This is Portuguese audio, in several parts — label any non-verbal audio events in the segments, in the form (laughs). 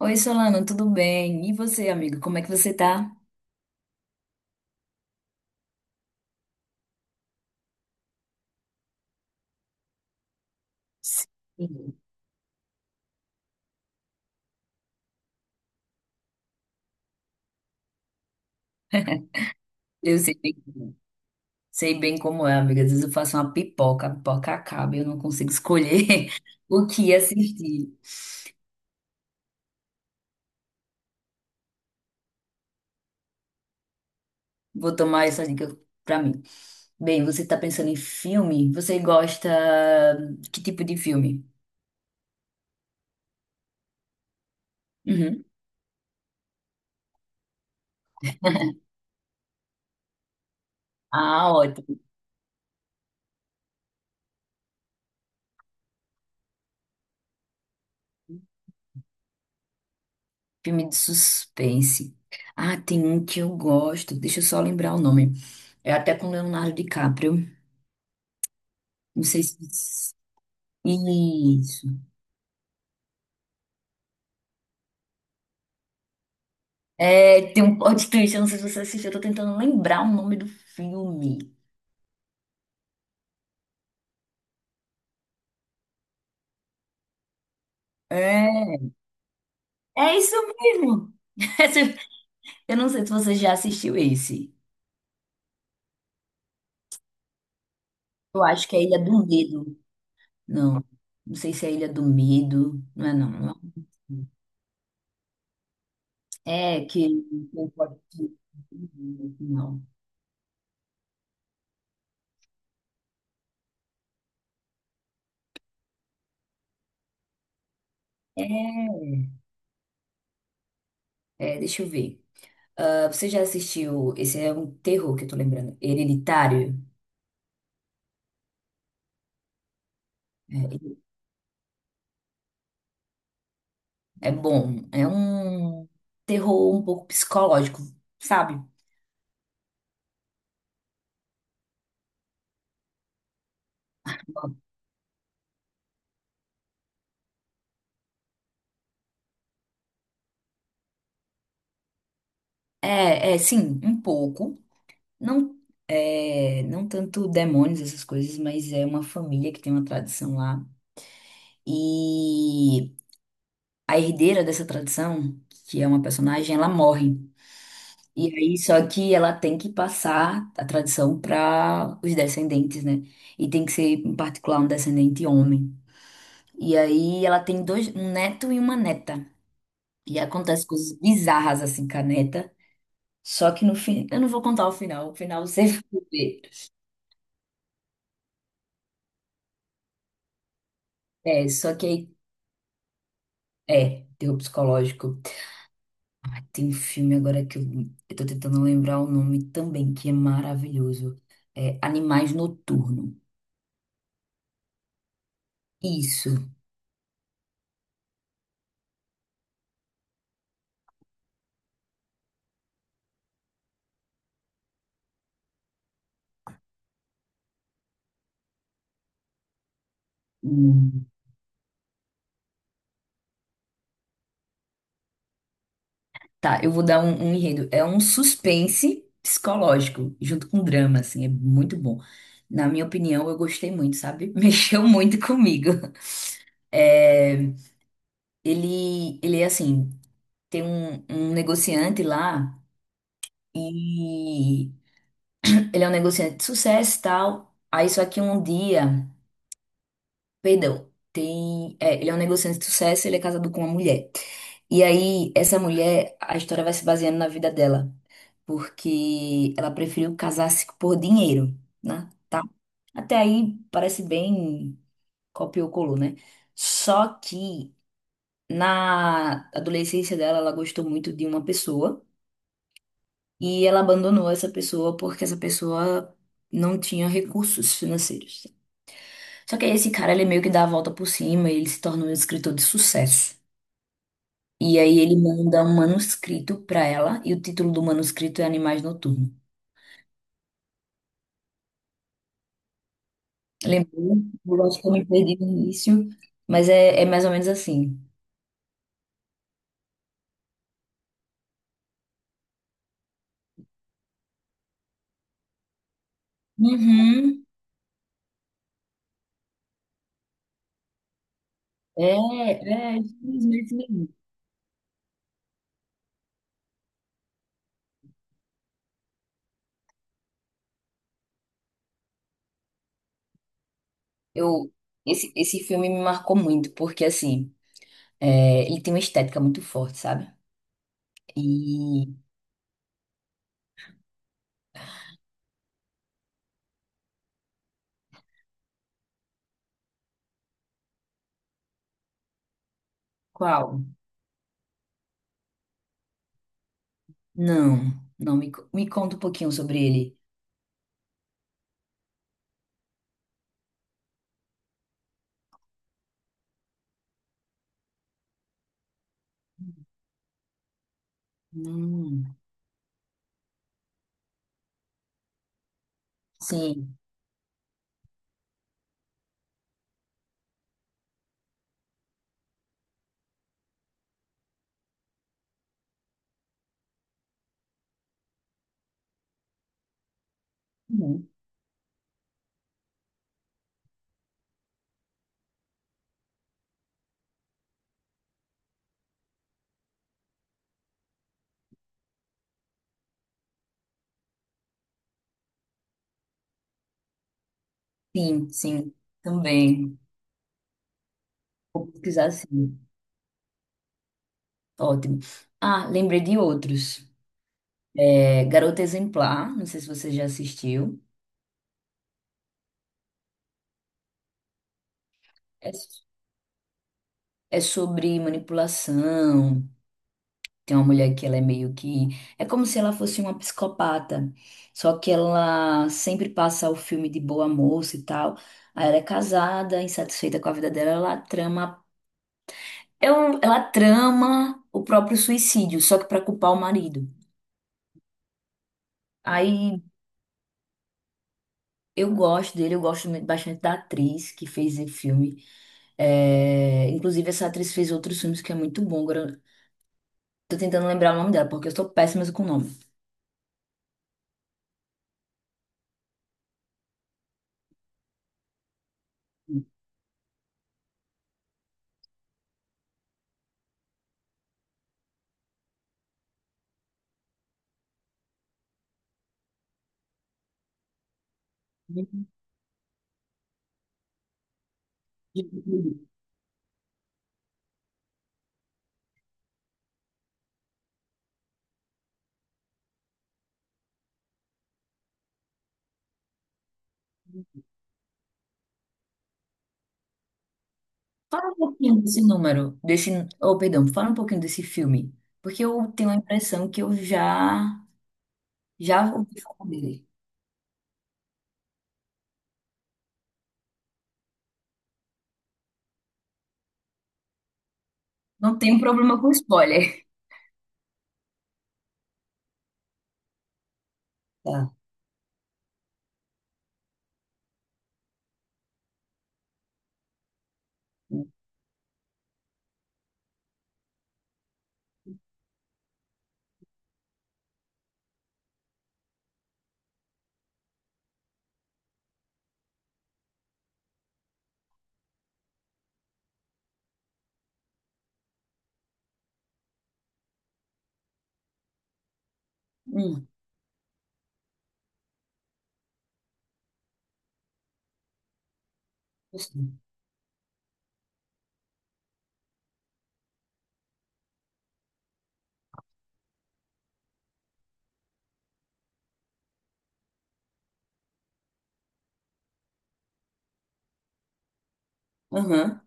Oi, Solano, tudo bem? E você, amigo, como é que você tá? (laughs) Sim. Eu sei bem, sei bem como é, amiga. Às vezes eu faço uma pipoca, a pipoca acaba e eu não consigo escolher (laughs) o que assistir. Vou tomar essa dica pra mim. Bem, você tá pensando em filme? Você gosta... Que tipo de filme? Uhum. Ah, ótimo. Filme de suspense. Ah, tem um que eu gosto. Deixa eu só lembrar o nome. É até com Leonardo DiCaprio. Não sei se. Isso. É, tem um plot twist, eu não sei se você assistiu, eu tô tentando lembrar o nome do filme. É, é isso mesmo. (laughs) Esse- Eu não sei se você já assistiu esse. Eu acho que é Ilha do Medo. Não, não sei se é Ilha do Medo. Não é, não, não. É é que tem um plot twist no final. É, deixa eu ver. Ah, você já assistiu? Esse é um terror que eu tô lembrando. Hereditário? É, é bom. É um terror um pouco psicológico, sabe? É, é, sim, um pouco. Não, é, não tanto demônios, essas coisas, mas é uma família que tem uma tradição lá. E a herdeira dessa tradição, que é uma personagem, ela morre. E aí, só que ela tem que passar a tradição para os descendentes, né? E tem que ser, em particular, um descendente homem. E aí, ela tem dois, um neto e uma neta. E acontece coisas bizarras assim, caneta. Só que no fim, eu não vou contar o final você (laughs) vai ver. É, só que aí, é, terror psicológico. Ah, tem um filme agora eu tô tentando lembrar o nome também, que é maravilhoso. É Animais Noturno. Isso. Hum, Tá, eu vou dar um enredo. É um suspense psicológico, junto com drama, assim, é muito bom. Na minha opinião, eu gostei muito, sabe? (laughs) Mexeu muito comigo. É, ele é assim. Tem um negociante lá e ele é um negociante de sucesso e tal. Aí só que um dia, perdão, tem, é, ele é um negociante de sucesso, ele é casado com uma mulher. E aí essa mulher, a história vai se baseando na vida dela, porque ela preferiu casar-se por dinheiro, né? Tá? Até aí parece bem copiou colou, né? Só que na adolescência dela, ela gostou muito de uma pessoa. E ela abandonou essa pessoa porque essa pessoa não tinha recursos financeiros. Só que aí esse cara, ele meio que dá a volta por cima, ele se torna um escritor de sucesso. E aí ele manda um manuscrito para ela, e o título do manuscrito é Animais Noturnos. Lembrou. Eu acho que eu me perdi no início, mas é, é mais ou menos assim. Uhum. É, é, infelizmente mesmo. Eu, esse filme me marcou muito, porque assim, é, ele tem uma estética muito forte, sabe? E qual? Não, não, me, me conta um pouquinho sobre ele. Hum, sim, uhum, sim, sim, também. Vou pesquisar sim. Ótimo. Ah, lembrei de outros. É, Garota Exemplar, não sei se você já assistiu. É, é sobre manipulação. Tem uma mulher que ela é meio que. É como se ela fosse uma psicopata. Só que ela sempre passa o filme de boa moça e tal. Aí ela é casada, insatisfeita com a vida dela, ela trama. Ela trama o próprio suicídio, só que pra culpar o marido. Aí eu gosto dele, eu gosto bastante da atriz que fez esse filme. É, inclusive, essa atriz fez outros filmes que é muito bom. Agora, eu tô tentando lembrar o nome dela, porque eu sou péssima com o nome. Fala um pouquinho desse número, desse, oh, perdão, fala um pouquinho desse filme, porque eu tenho a impressão que eu já já ouvi falar dele. Não tenho problema com spoiler. Tá. Hum, gostei. Aham.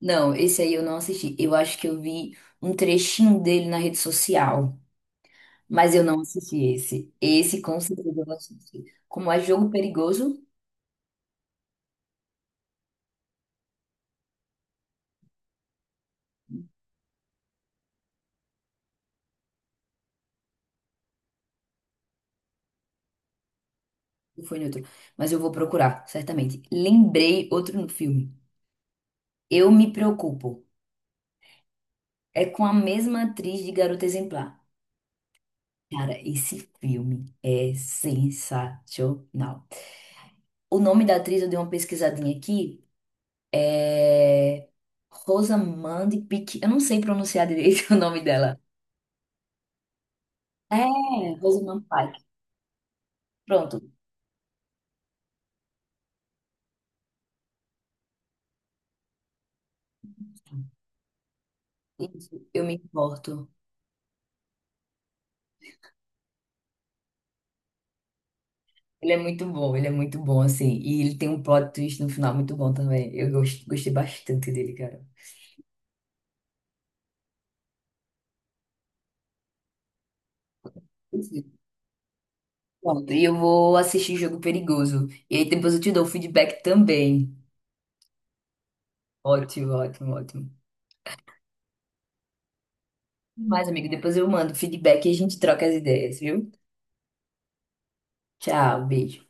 Não, esse aí eu não assisti. Eu acho que eu vi um trechinho dele na rede social, mas eu não assisti esse. Esse com certeza eu não assisti. Como é jogo perigoso, não foi neutro, mas eu vou procurar, certamente. Lembrei outro no filme. Eu me preocupo. É com a mesma atriz de Garota Exemplar. Cara, esse filme é sensacional. O nome da atriz eu dei uma pesquisadinha aqui. É Rosamund Pike. Eu não sei pronunciar direito (laughs) o nome dela. É, Rosamund Pike. Pronto. Isso, Eu Me Importo. Ele é muito bom, ele é muito bom, assim. E ele tem um plot twist no final muito bom também. Eu gostei bastante dele, cara. Enfim, pronto, e eu vou assistir Jogo Perigoso. E aí depois eu te dou o feedback também. Ótimo, ótimo, ótimo. Mas, amigo, depois eu mando feedback e a gente troca as ideias, viu? Tchau, beijo.